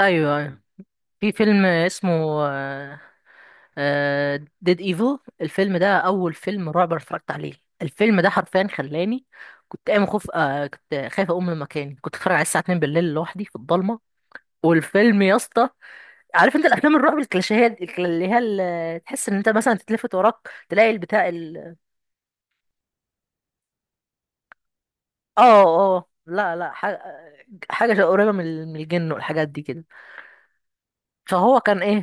ايوه أيوة. في فيلم اسمه ديد ايفل. الفيلم ده اول فيلم رعب أنا اتفرجت عليه. الفيلم ده حرفيا خلاني كنت قايم خوف، كنت خايف اقوم من مكاني. كنت اتفرج عليه الساعه 2 بالليل لوحدي في الضلمه. والفيلم يا اسطى، عارف انت الافلام الرعب، الكلاشيهات، اللي هي تحس ان انت مثلا تتلفت وراك تلاقي اه اه، لا لا، حاجه. حاجه قريبه من من الجن والحاجات دي كده. فهو كان ايه؟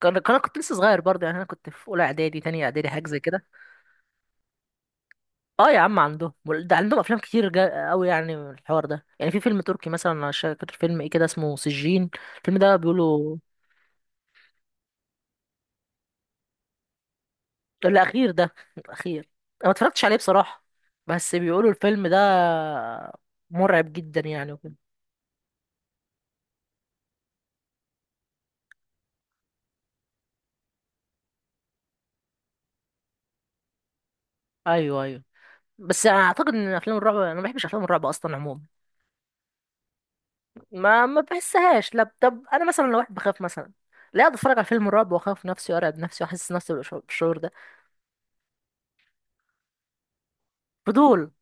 انا كنت لسه صغير برضه، يعني انا كنت في اولى اعدادي تانية اعدادي حاجه زي كده. اه يا عم عندهم، ده عندهم افلام كتير قوي يعني، من الحوار ده يعني. في فيلم تركي مثلا، انا مش فاكر فيلم ايه كده، اسمه سجين. الفيلم ده بيقولوا الاخير ده الاخير، انا ما اتفرجتش عليه بصراحة، بس بيقولوا الفيلم ده مرعب جدا يعني وكده. ايوه ايوه، بس انا اعتقد ان افلام الرعب، انا ما بحبش افلام الرعب اصلا عموما. ما بحسهاش. لا، طب انا مثلا لو واحد بخاف مثلا، لا اقعد اتفرج على فيلم الرعب واخاف نفسي وارعب نفسي واحس نفسي بالشعور ده. فضول.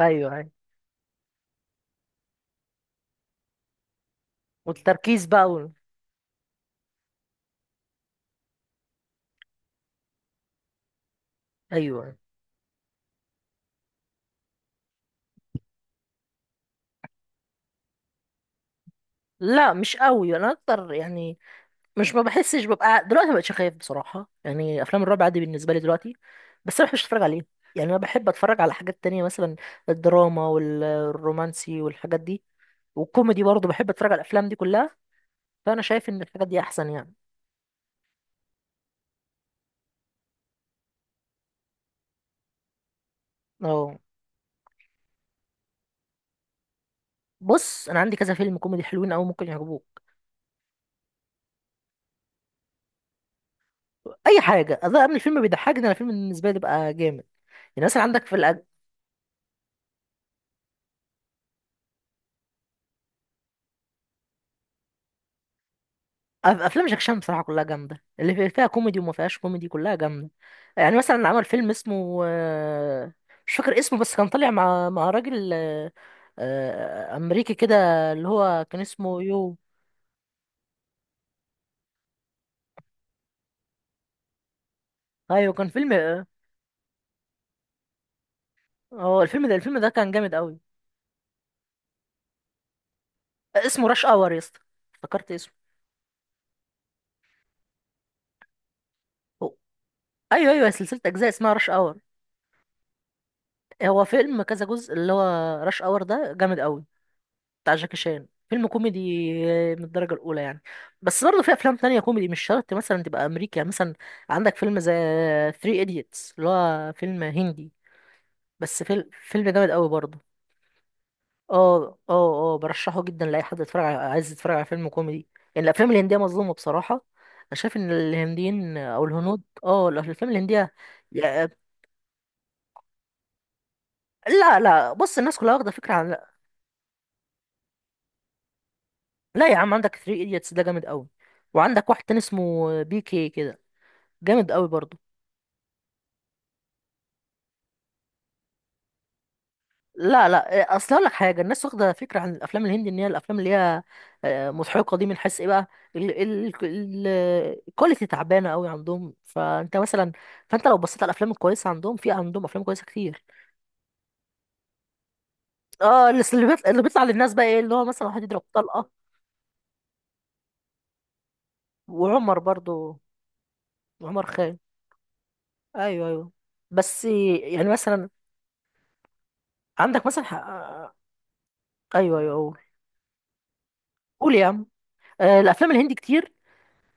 ايوه ايوه، والتركيز بقى ايوه لا مش قوي انا اكتر يعني. مش ما بحسش، ببقى دلوقتي ما بقتش خايف بصراحه، يعني افلام الرعب عادي بالنسبه لي دلوقتي. بس انا ما بحبش اتفرج عليه، يعني انا بحب اتفرج على حاجات تانية مثلا، الدراما والرومانسي والحاجات دي، والكوميدي برضه بحب اتفرج على الافلام دي كلها. فانا شايف ان الحاجات دي احسن يعني. اه. بص انا عندي كذا فيلم كوميدي حلوين قوي ممكن يعجبوك. اي حاجه اذا من الفيلم بيضحكني، انا الفيلم بالنسبه لي بيبقى جامد. يعني مثلا عندك في افلام جاك شان بصراحه كلها جامده، اللي فيها كوميدي وما فيهاش كوميدي كلها جامده. يعني مثلا عمل فيلم اسمه، مش فاكر اسمه، بس كان طالع مع راجل، امريكي كده، اللي هو كان اسمه يو. ايوه كان فيلم اه. هو الفيلم ده، كان جامد قوي. اسمه راش اور يا اسطى، افتكرت اسمه. هو- ايوه ايوه، سلسله اجزاء اسمها راش اور. هو فيلم كذا جزء، اللي هو راش اور ده جامد قوي. بتاع جاكي شان، فيلم كوميدي من الدرجة الأولى يعني. بس برضه في أفلام تانية كوميدي مش شرط مثلا تبقى أمريكي. يعني مثلا عندك فيلم زي ثري إيديتس، اللي هو فيلم هندي، بس فيلم جامد قوي برضه. اه اه اه، برشحه جدا لأي حد يتفرج على عايز يتفرج على فيلم كوميدي. يعني الأفلام الهندية مظلومة بصراحة. أنا شايف إن الهنديين أو الهنود اه الأفلام الهندية يا- لا لا، بص الناس كلها واخدة فكرة عن، لا يا عم عندك ثري إيديتس ده جامد قوي، وعندك واحد تاني اسمه بي كي كده، جامد قوي برضه. لا لا، اصل اقول لك حاجه، الناس واخده فكره عن الافلام الهندي ان هي الافلام اللي هي مضحكه دي، من حيث ايه بقى؟ ال- ال- ال- الكواليتي تعبانه قوي عندهم، فانت مثلا، فانت لو بصيت على الافلام الكويسه عندهم، في عندهم افلام كويسه كتير. اه، اللي بيطلع، اللي بيطلع للناس بقى ايه، اللي هو مثلا واحد يضرب طلقه، وعمر برضو، عمر خان. ايوه ايوه، بس يعني مثلا، عندك مثلا ايوه ايوه قول، قول يا عم. الافلام الهندي كتير،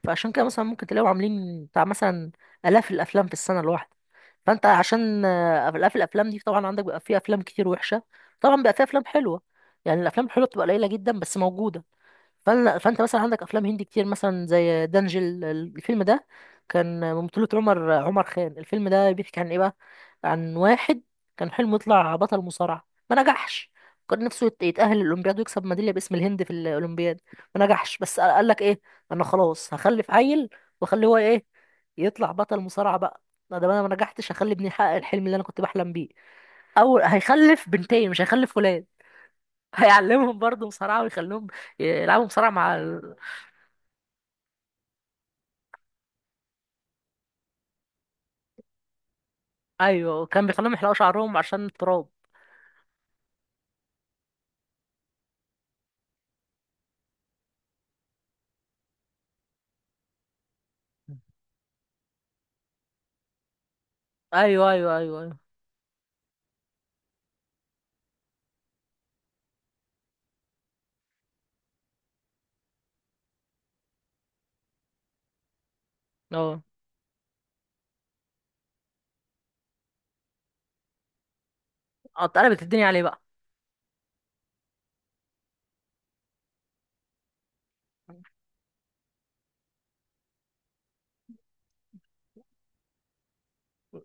فعشان كده مثلا ممكن تلاقيهم عاملين بتاع مثلا آلاف الأفلام في السنة الواحدة. فأنت عشان آلاف الأفلام دي، طبعا عندك بيبقى فيها أفلام كتير وحشة، طبعا بيبقى فيها أفلام حلوة. يعني الأفلام الحلوة بتبقى قليلة جدا بس موجودة. فانت مثلا عندك افلام هندي كتير مثلا زي دانجل، الفيلم ده كان من بطولة عمر خان. الفيلم ده بيحكي عن ايه بقى؟ عن واحد كان حلمه يطلع بطل مصارعة ما نجحش. كان نفسه يتأهل الأولمبياد ويكسب ميدالية باسم الهند في الأولمبياد. ما نجحش، بس قال لك ايه، انا خلاص هخلف عيل واخليه هو ايه، يطلع بطل مصارعة بقى. ما دام انا ما نجحتش هخلي ابني يحقق الحلم اللي انا كنت بحلم بيه. او هيخلف بنتين مش هيخلف ولاد، هيعلمهم برضه مصارعة ويخليهم يلعبوا مصارعة مع. ايوه كان بيخليهم يحلقوا شعرهم عشان التراب. ايوه ايوه ايوه ايوه، اه اه، اتقلبت الدنيا عليه بقى.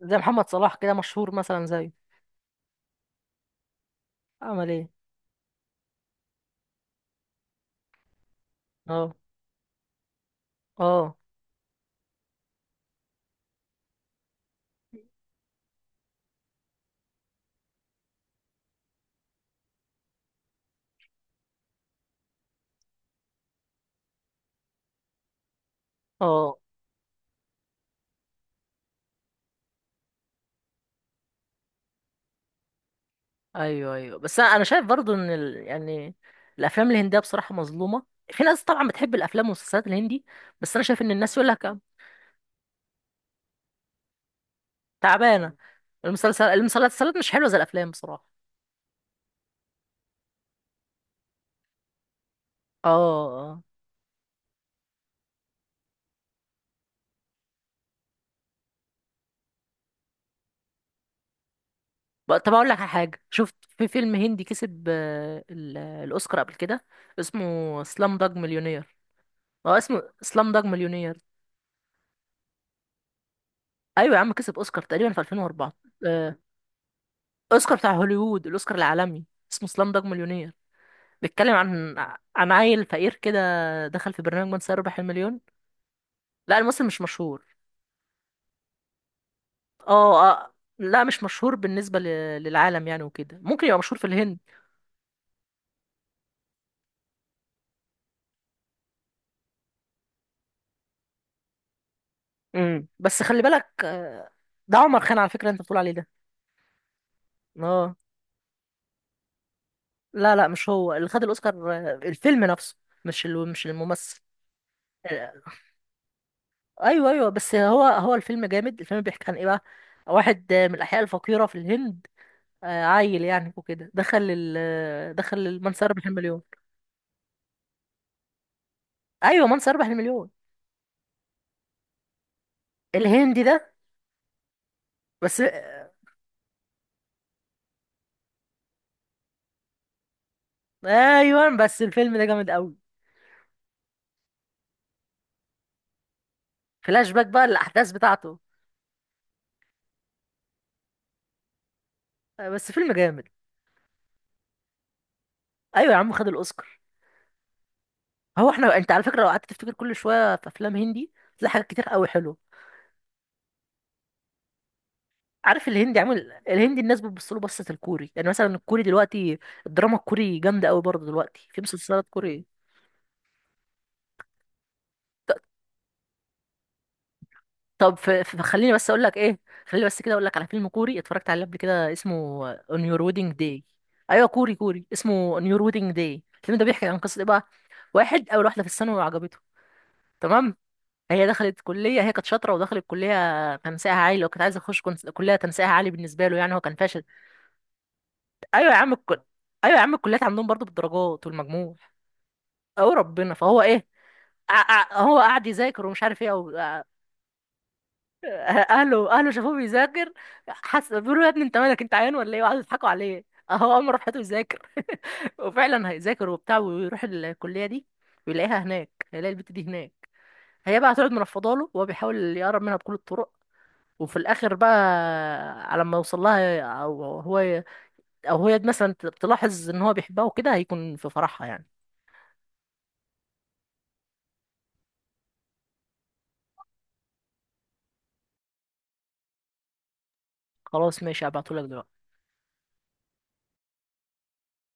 زي محمد صلاح كده مشهور مثلا زيه. عمل ايه؟ اه اه اه، ايوه ايوه، بس أنا شايف برضو ان يعني الافلام الهنديه بصراحه مظلومه. في ناس طبعا بتحب الافلام والمسلسلات الهندي، بس انا شايف ان الناس يقول لك تعبانه. المسلسلات مش حلوه زي الافلام بصراحه. اه آه. طب اقول لك على حاجه، شفت في فيلم هندي كسب، الاوسكار قبل كده. اسمه سلام داج مليونير. اه اسمه سلام داج مليونير. ايوه يا عم كسب اوسكار تقريبا في 2004. آه، اوسكار بتاع هوليوود، الاوسكار العالمي. اسمه سلام داج مليونير. بيتكلم عن، عن عيل فقير كده دخل في برنامج من سيربح المليون. لا الممثل مش مشهور. اه لا مش مشهور بالنسبه للعالم يعني وكده، ممكن يبقى مشهور في الهند. بس خلي بالك ده عمر خان على فكره انت بتقول عليه ده. اه لا لا، مش هو اللي خد الاوسكار، الفيلم نفسه مش مش الممثل. آه، ايوه ايوه، بس هو الفيلم جامد. الفيلم بيحكي عن ايه بقى؟ واحد من الاحياء الفقيره في الهند، عيل يعني وكده دخل ال... آه، دخل من سيربح المليون. ايوه من سيربح المليون. الهندي ده. بس ايوه بس الفيلم ده جامد قوي. فلاش باك بقى الاحداث بتاعته. بس فيلم جامد. ايوه يا عم خد الاوسكار. هو احنا، انت على فكره لو قعدت تفتكر كل شويه في افلام هندي تلاقي حاجات كتير قوي حلوه. عارف الهندي عامل، الهندي الناس بتبص له بصة الكوري يعني. مثلا الكوري دلوقتي، الدراما الكوري جامدة قوي برضه دلوقتي، في مسلسلات كوري. طب فخليني بس اقول لك ايه، خليني بس كده اقول لك على فيلم كوري اتفرجت عليه قبل كده اسمه On Your Wedding Day. ايوه كوري كوري اسمه On Your Wedding Day. الفيلم ده بيحكي عن قصة ايه بقى؟ واحد اول واحدة في الثانوي وعجبته، تمام؟ هي دخلت كلية، هي كانت شاطرة ودخلت كلية تنسيقها عالي، وكانت عايزة تخش كلية تنسيقها عالي بالنسبة له يعني، هو كان فاشل. ايوه يا عم ايوه يا عم الكليات عندهم برضه بالدرجات والمجموع. او ربنا. فهو ايه، هو قاعد يذاكر ومش عارف ايه اهله، شافوه بيذاكر، حس بيقولوا يا ابني انت مالك، انت عيان ولا ايه، وقعدوا يضحكوا عليه. اهو قام راح حياته يذاكر وفعلا هيذاكر وبتاع، ويروح الكليه دي ويلاقيها هناك، هيلاقي البت دي هناك. هي بقى هتقعد منفضه له وهو بيحاول يقرب منها بكل الطرق. وفي الاخر بقى، على ما يوصل لها، او هو او هي مثلا تلاحظ ان هو بيحبها وكده، هيكون في فرحها يعني. خلاص ماشي هبعتهولك دلوقتي.